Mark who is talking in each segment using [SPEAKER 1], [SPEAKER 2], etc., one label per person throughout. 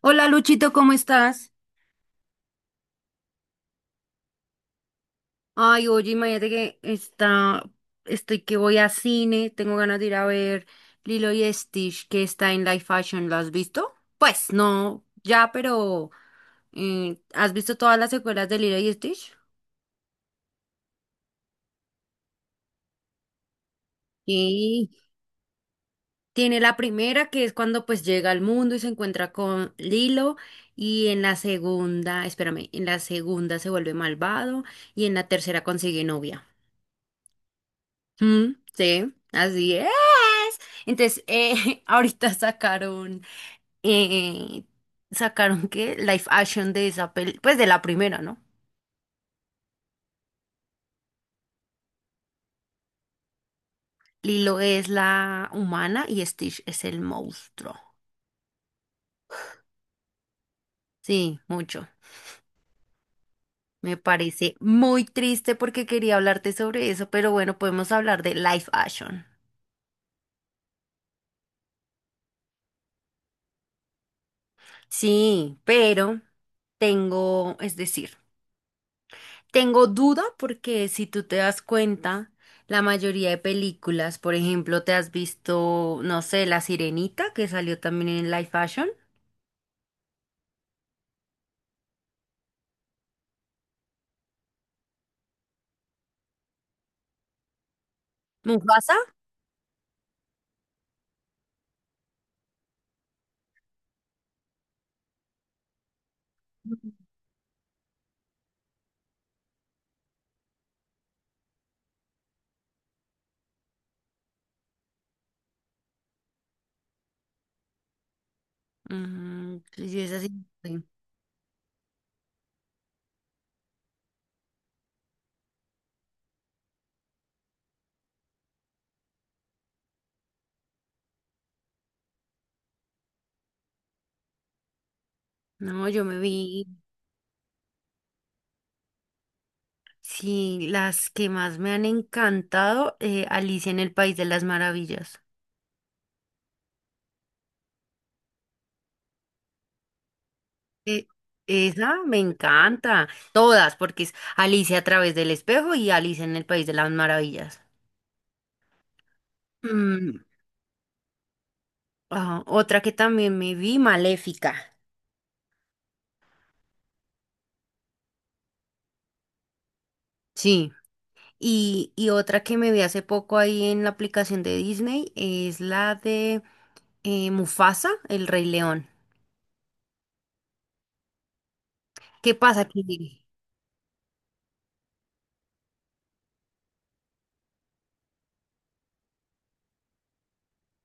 [SPEAKER 1] Hola Luchito, ¿cómo estás? Ay, oye, estoy que voy a cine, tengo ganas de ir a ver Lilo y Stitch que está en Live Fashion, ¿lo has visto? Pues no, ya, pero ¿has visto todas las secuelas de Lilo y Stitch? Sí, tiene la primera que es cuando pues llega al mundo y se encuentra con Lilo y en la segunda se vuelve malvado y en la tercera consigue novia. Mm, sí, así es. Entonces, ahorita sacaron, eh, sacaron que live action de esa peli, pues de la primera, ¿no? Lilo es la humana y Stitch es el monstruo. Sí, mucho. Me parece muy triste porque quería hablarte sobre eso, pero bueno, podemos hablar de live action. Sí, pero es decir. Tengo duda porque si tú te das cuenta, la mayoría de películas, por ejemplo, te has visto, no sé, La Sirenita, que salió también en live fashion. Mufasa. Mm, sí, es así. No, sí, las que más me han encantado, Alicia en el País de las Maravillas. Eh, esa me encanta. Todas, porque es Alicia a través del espejo y Alicia en el País de las Maravillas. Mm, otra que también me vi, Maléfica. Sí. Y otra que me vi hace poco ahí en la aplicación de Disney es la de Mufasa, el Rey León. ¿Qué pasa aquí?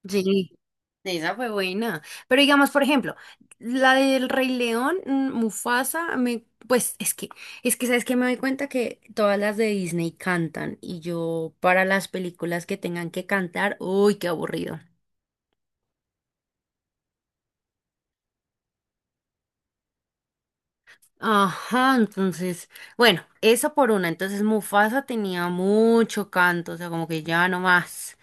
[SPEAKER 1] Sí, esa fue buena. Pero digamos, por ejemplo, la del Rey León, mm, Mufasa, me, pues es que sabes que me doy cuenta que todas las de Disney cantan y yo para las películas que tengan que cantar, uy, qué aburrido. Ajá, entonces, bueno, eso por una. Entonces Mufasa tenía mucho canto, o sea, como que ya no más.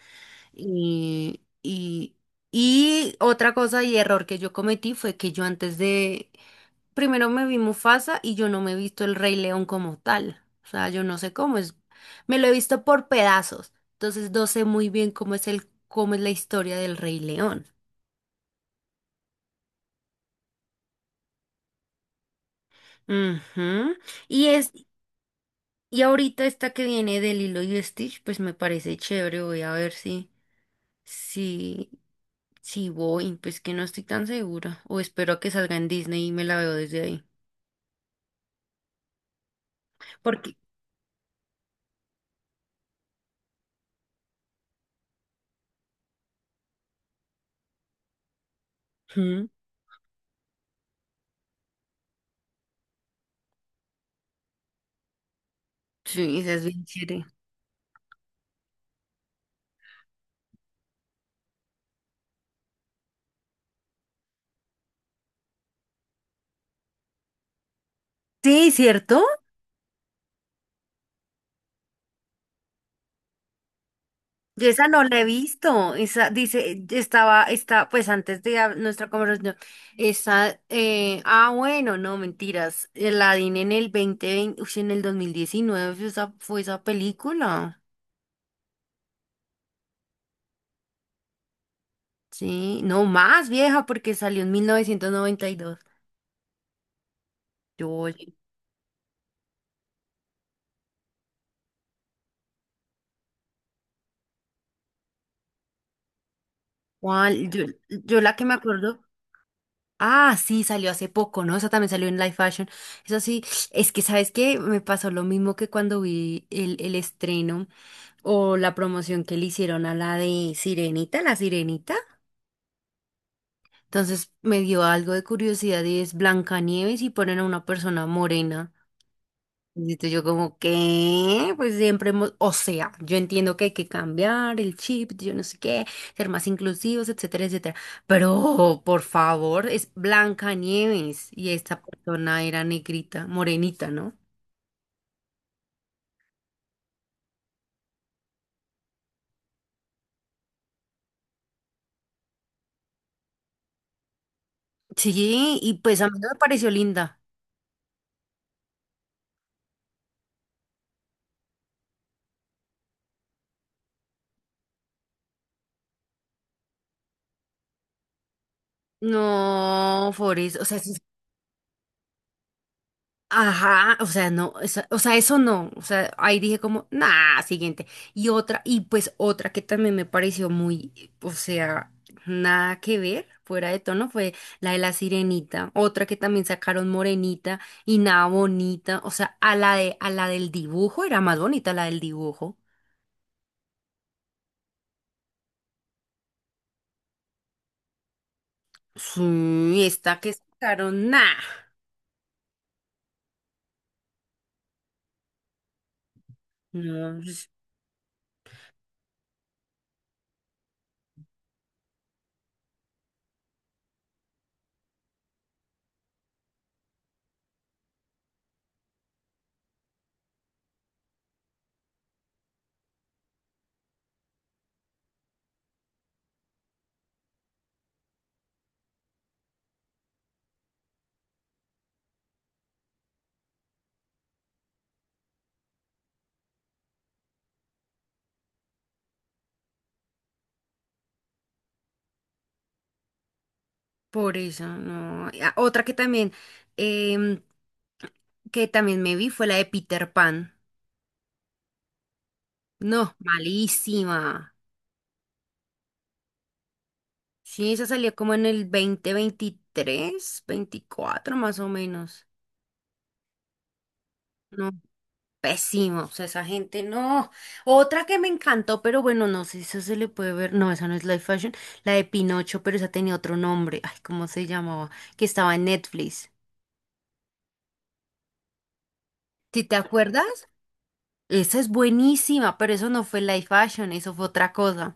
[SPEAKER 1] Y, y, y otra cosa y error que yo cometí fue que primero me vi Mufasa y yo no me he visto el Rey León como tal. O sea, yo no sé cómo es. Me lo he visto por pedazos. Entonces no sé muy bien cómo cómo es la historia del Rey León. Ujú. Y es Y ahorita esta que viene de Lilo y Stitch, pues me parece chévere. Voy a ver si, si voy, pues que no estoy tan segura. O espero a que salga en Disney y me la veo desde ahí. Porque, Ujú. Sí, esa es bien chévere. Sí, ¿cierto? Yo esa no la he visto. Esa está, pues antes de nuestra conversación, bueno, no, mentiras. eh, La di en el 2020, uy, en el 2019 fue fue esa película. Sí, no más vieja porque salió en 1992. Yo, ¿Cuál? Yo la que me acuerdo. Ah, sí, salió hace poco, ¿no? Esa también salió en live Fashion. Eso sí, es que, ¿sabes qué? Me pasó lo mismo que cuando vi el estreno o la promoción que le hicieron a la de la Sirenita. Entonces me dio algo de curiosidad y es Blancanieves y ponen a una persona morena. Yo como que, pues siempre hemos, o sea, yo entiendo que hay que cambiar el chip, yo no sé qué, ser más inclusivos, etcétera, etcétera. Pero, por favor, es Blanca Nieves y esta persona era negrita, morenita, ¿no? Sí, y pues a mí no me pareció linda. No, Forrest, o sea, sí. Ajá, o sea, eso no, o sea, ahí dije como, nah, siguiente. Y pues otra que también me pareció muy, o sea, nada que ver, fuera de tono, fue la de la sirenita, otra que también sacaron morenita y nada bonita, o sea, a a la del dibujo, era más bonita la del dibujo. Sí, esta que sacaron, nah, no, es por eso, no. Ah, otra que también, em, que también me vi fue la de Peter Pan. No, malísima. Sí, esa salió como en el 2023, 2024, más o menos. No, pésimo. O sea, esa gente no. Otra que me encantó, pero bueno, no sé si esa se le puede ver. No, esa no es live fashion. La de Pinocho, pero esa tenía otro nombre. Ay, ¿cómo se llamaba? Que estaba en Netflix. ¿Sí te acuerdas? Esa es buenísima, pero eso no fue live fashion, eso fue otra cosa.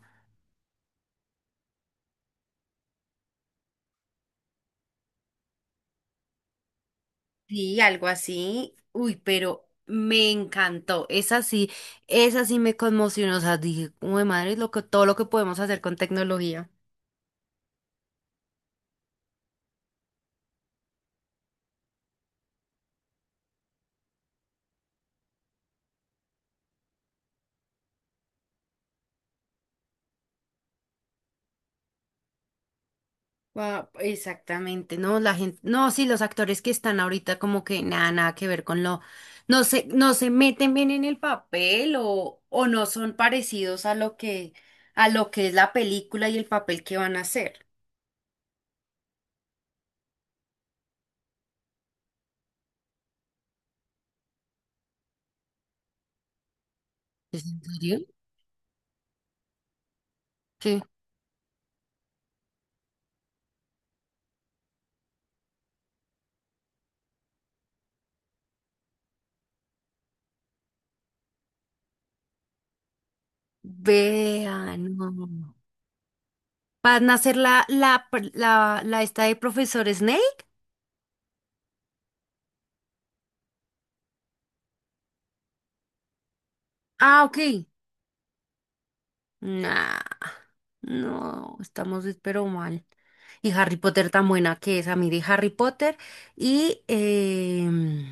[SPEAKER 1] Sí, algo así. Uy, pero me encantó. Esa sí me conmocionó. O sea, dije, uy, madre, todo lo que podemos hacer con tecnología. Ah, exactamente, no, la gente, no, sí, los actores que están ahorita como que nada, nada que ver con lo, no se meten bien en el papel o no son parecidos a lo que es la película y el papel que van a hacer. ¿Es en serio? Sí. Vean, no. Para nacer la esta de profesor Snake. Ah, ok. Nah, no, pero mal. Y Harry Potter tan buena que es. A mí de Harry Potter y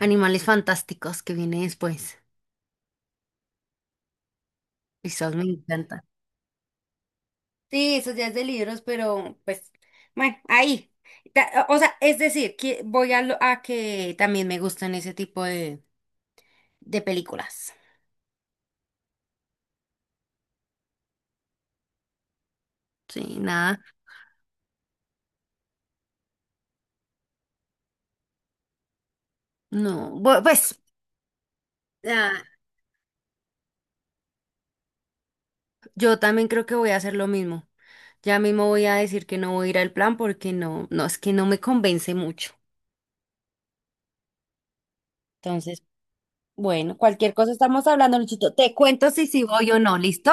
[SPEAKER 1] Animales Fantásticos que viene después. Esas me encantan. Sí, eso ya es de libros, pero pues, bueno, ahí. Ta- O sea, es decir, que a que también me gustan ese tipo de películas. Sí, nada, no. Bu- Pues, ah, yo también creo que voy a hacer lo mismo. Ya mismo voy a decir que no voy a ir al plan porque no, no, es que no me convence mucho. Entonces, bueno, cualquier cosa estamos hablando, Luchito. Te cuento si sí voy o no, ¿listo?